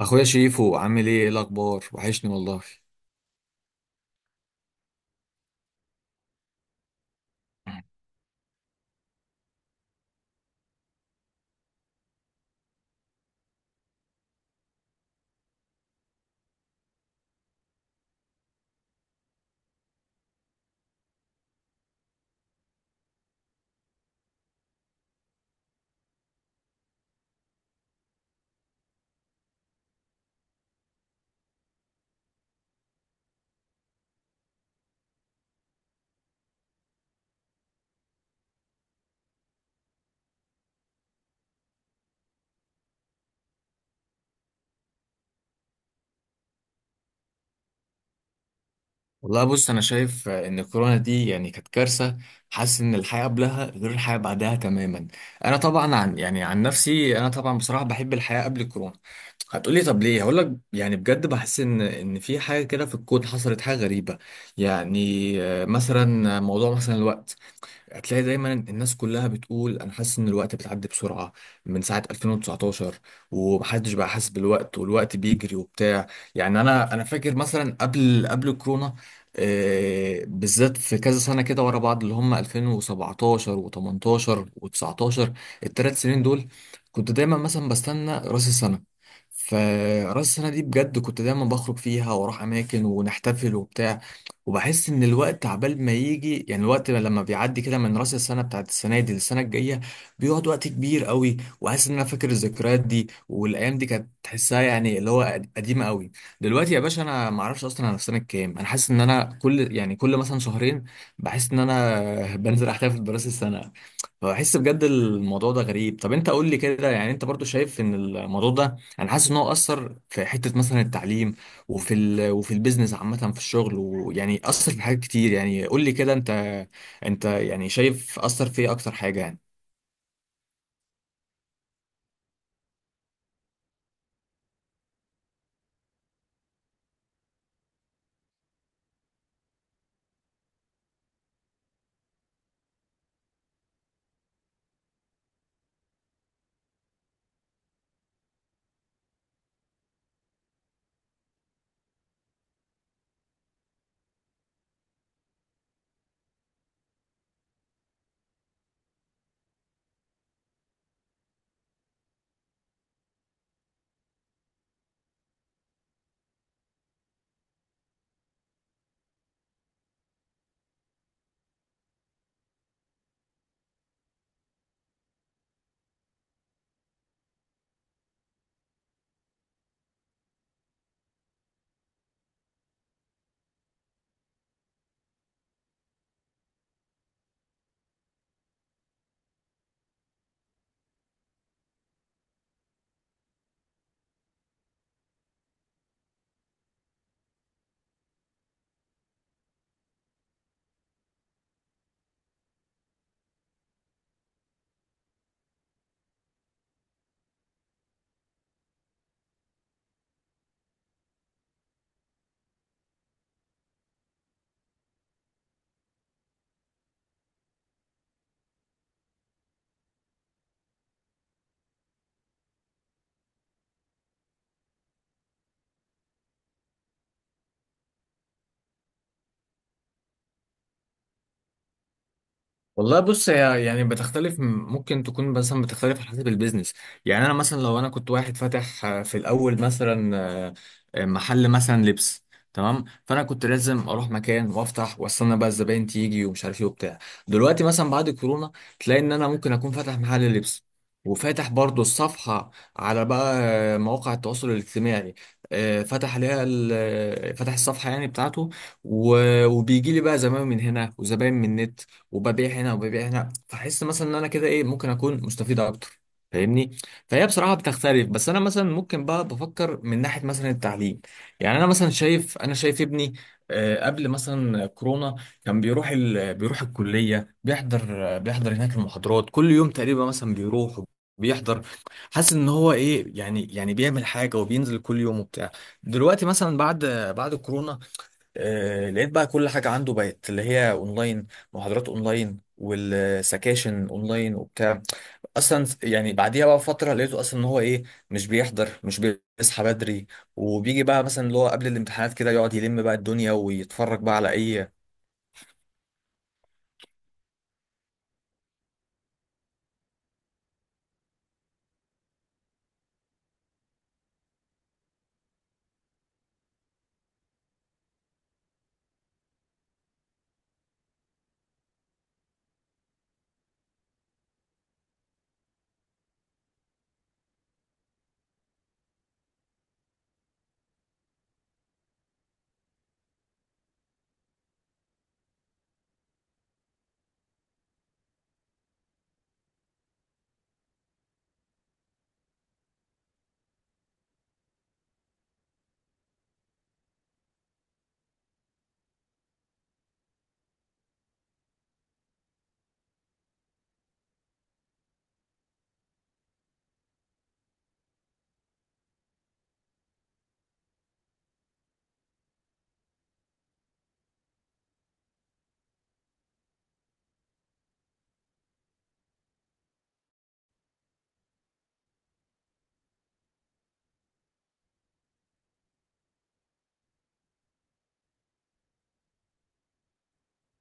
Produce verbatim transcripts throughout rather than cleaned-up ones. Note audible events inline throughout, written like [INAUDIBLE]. اخويا شريفو، عامل ايه إيه الاخبار؟ وحشني والله. والله بص، انا شايف ان الكورونا دي يعني كانت كارثه. حاسس ان الحياه قبلها غير الحياه بعدها تماما. انا طبعا عن يعني عن نفسي، انا طبعا بصراحه بحب الحياه قبل الكورونا. هتقولي طب ليه؟ هقول لك يعني بجد بحس ان ان في حاجه كده في الكون حصلت، حاجه غريبه يعني. آه، مثلا موضوع مثلا الوقت. هتلاقي دايما الناس كلها بتقول انا حاسس ان الوقت بتعدي بسرعه من ساعه ألفين وتسعة عشر. ومحدش بقى حاسس بالوقت، والوقت بيجري وبتاع. يعني انا انا فاكر مثلا قبل قبل الكورونا، آه، بالذات في كذا سنه كده ورا بعض، اللي هم ألفين وسبعتاشر و18 و19، الثلاث سنين دول. كنت دايما مثلا بستنى راس السنه، فراس السنة دي بجد كنت دايما بخرج فيها واروح أماكن ونحتفل وبتاع. وبحس ان الوقت عبال ما يجي، يعني الوقت لما بيعدي كده من راس السنه بتاعت السنه دي للسنه الجايه، بيقعد وقت كبير قوي. وحاسس ان انا فاكر الذكريات دي، والايام دي كانت تحسها يعني اللي هو قديمه قوي. دلوقتي يا باشا انا ما اعرفش اصلا انا في سنه كام، انا حاسس ان انا كل يعني كل مثلا شهرين بحس ان انا [LAUGHS] بنزل احتفل براس السنه. فبحس بجد الموضوع ده غريب. طب انت قول لي كده، يعني انت برضو شايف ان الموضوع ده، انا حاسس ان هو اثر في حته مثلا التعليم، وفي ال... وفي البيزنس عامة، في الشغل، ويعني أثر في حاجات كتير. يعني قول لي كده أنت أنت يعني شايف أثر في إيه أكتر حاجة يعني؟ والله بص، هي يعني بتختلف، ممكن تكون مثلا بتختلف على حسب البيزنس. يعني انا مثلا لو انا كنت واحد فاتح، آه، في الاول مثلا آه، آه، محل مثلا لبس، تمام. فانا كنت لازم اروح مكان وافتح واستنى بقى الزباين تيجي ومش عارف ايه وبتاع. دلوقتي مثلا بعد كورونا تلاقي ان انا ممكن اكون فاتح محل لبس، وفاتح برضو الصفحة على بقى آه، مواقع التواصل الاجتماعي، آه، فتح عليها ال- آه، فتح الصفحة يعني بتاعته، وبيجي لي بقى زباين من هنا وزباين من النت، وببيع هنا وببيع هنا. فحس مثلا ان انا كده ايه ممكن اكون مستفيد اكتر، فاهمني؟ فهي بصراحه بتختلف. بس انا مثلا ممكن بقى بفكر من ناحيه مثلا التعليم. يعني انا مثلا شايف انا شايف ابني آه، قبل مثلا كورونا كان بيروح ال... بيروح الكليه، بيحضر، آه، بيحضر هناك المحاضرات كل يوم تقريبا، مثلا بيروح بيحضر، حاسس ان هو ايه يعني، يعني بيعمل حاجه وبينزل كل يوم وبتاع. دلوقتي مثلا بعد بعد كورونا آه، لقيت بقى كل حاجة عنده بقت اللي هي اونلاين، محاضرات اونلاين والسكاشن اونلاين وبتاع. اصلا يعني بعديها بقى فترة لقيته اصلا ان هو ايه، مش بيحضر، مش بيصحى بدري، وبيجي بقى مثلا اللي هو قبل الامتحانات كده يقعد يلم بقى الدنيا ويتفرج بقى على اي.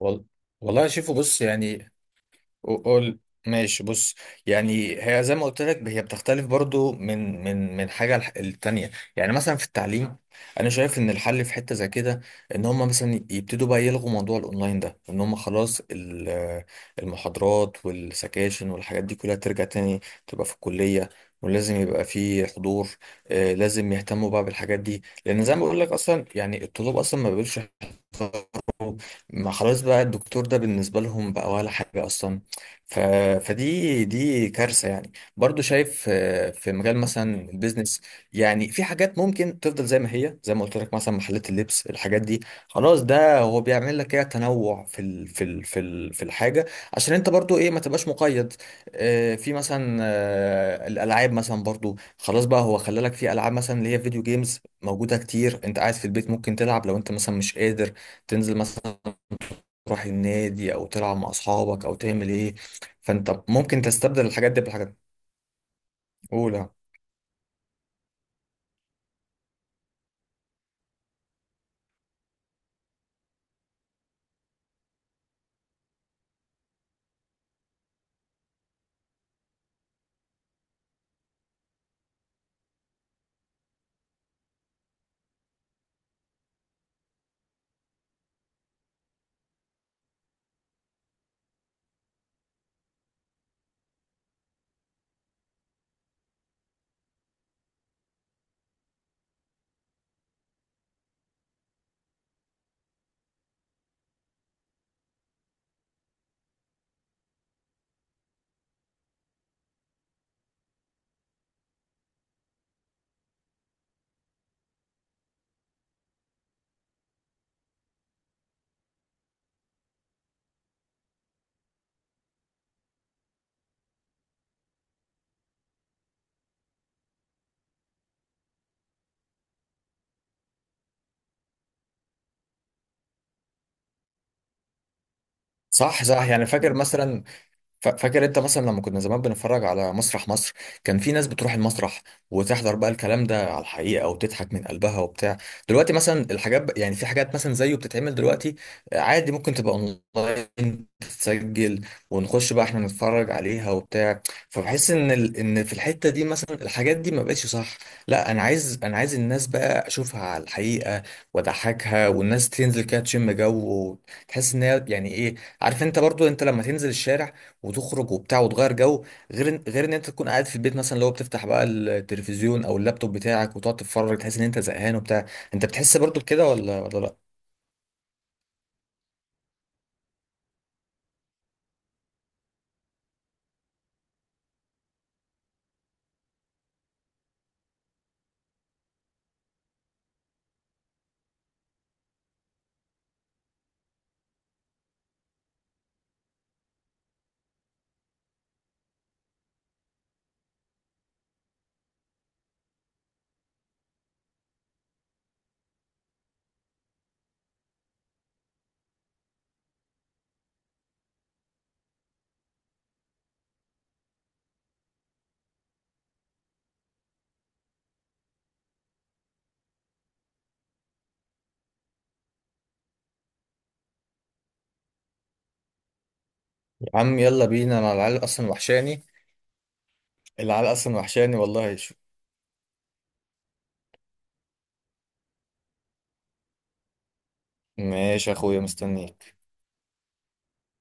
وال- والله شايفه، بص يعني، قول. ماشي بص. يعني هي زي ما قلت لك هي بتختلف برضو من من من حاجه لح- للتانيه. يعني مثلا في التعليم انا شايف ان الحل في حته زي كده، ان هم مثلا يبتدوا بقى يلغوا موضوع الاونلاين ده، ان هم خلاص ال- المحاضرات والسكاشن والحاجات دي كلها ترجع تاني، تبقى في الكليه، ولازم يبقى في حضور. آه، لازم يهتموا بقى بالحاجات دي، لان زي ما بقول لك اصلا يعني الطلاب اصلا ما بيقولش، ما خلاص بقى الدكتور ده بالنسبة لهم بقى ولا حاجة أصلا. ف... فدي دي كارثة يعني. برضو شايف آه، في مجال مثلا البيزنس، يعني في حاجات ممكن تفضل زي ما هي، زي ما قلت لك مثلا محلات اللبس، الحاجات دي خلاص، ده هو بيعمل لك ايه تنوع في ال... في ال... في ال... في الحاجة، عشان انت برضو ايه ما تبقاش مقيد. آه، في مثلا آه، الألعاب، مثلا برضو خلاص بقى هو خلى لك في ألعاب، مثلا اللي هي فيديو جيمز موجودة كتير، انت قاعد في البيت ممكن تلعب، لو انت مثلا مش قادر تنزل مثلا تروح النادي او تلعب مع اصحابك او تعمل ايه. فانت ممكن تستبدل الحاجات دي بحاجات اولى. صح، صح، يعني فاكر مثلا، ف- فاكر انت مثلا لما كنا زمان بنتفرج على مسرح مصر، كان في ناس بتروح المسرح وتحضر بقى الكلام ده على الحقيقة وتضحك من قلبها وبتاع. دلوقتي مثلا الحاجات ب- يعني في حاجات مثلا زيه بتتعمل دلوقتي عادي، ممكن تبقى اونلاين تتسجل ونخش بقى احنا نتفرج عليها وبتاع. فبحس ان ال... ان في الحتة دي مثلا الحاجات دي ما بقتش صح. لا انا عايز انا عايز الناس بقى اشوفها على الحقيقة، واضحكها، والناس تنزل كده تشم جو، وتحس ان هي يعني ايه. عارف انت برضو، انت لما تنزل الشارع وتخرج وبتاع وتغير جو، غير إن- غير ان انت تكون قاعد في البيت، مثلا لو بتفتح بقى التلفزيون او اللابتوب بتاعك وتقعد تتفرج تحس ان انت زهقان وبتاع. انت بتحس برضو بكده، ولا ولا لا؟ يا عم يلا بينا، انا العيال اصلا وحشاني، العيال اصلا وحشاني والله شو. ماشي يا اخويا مستنيك.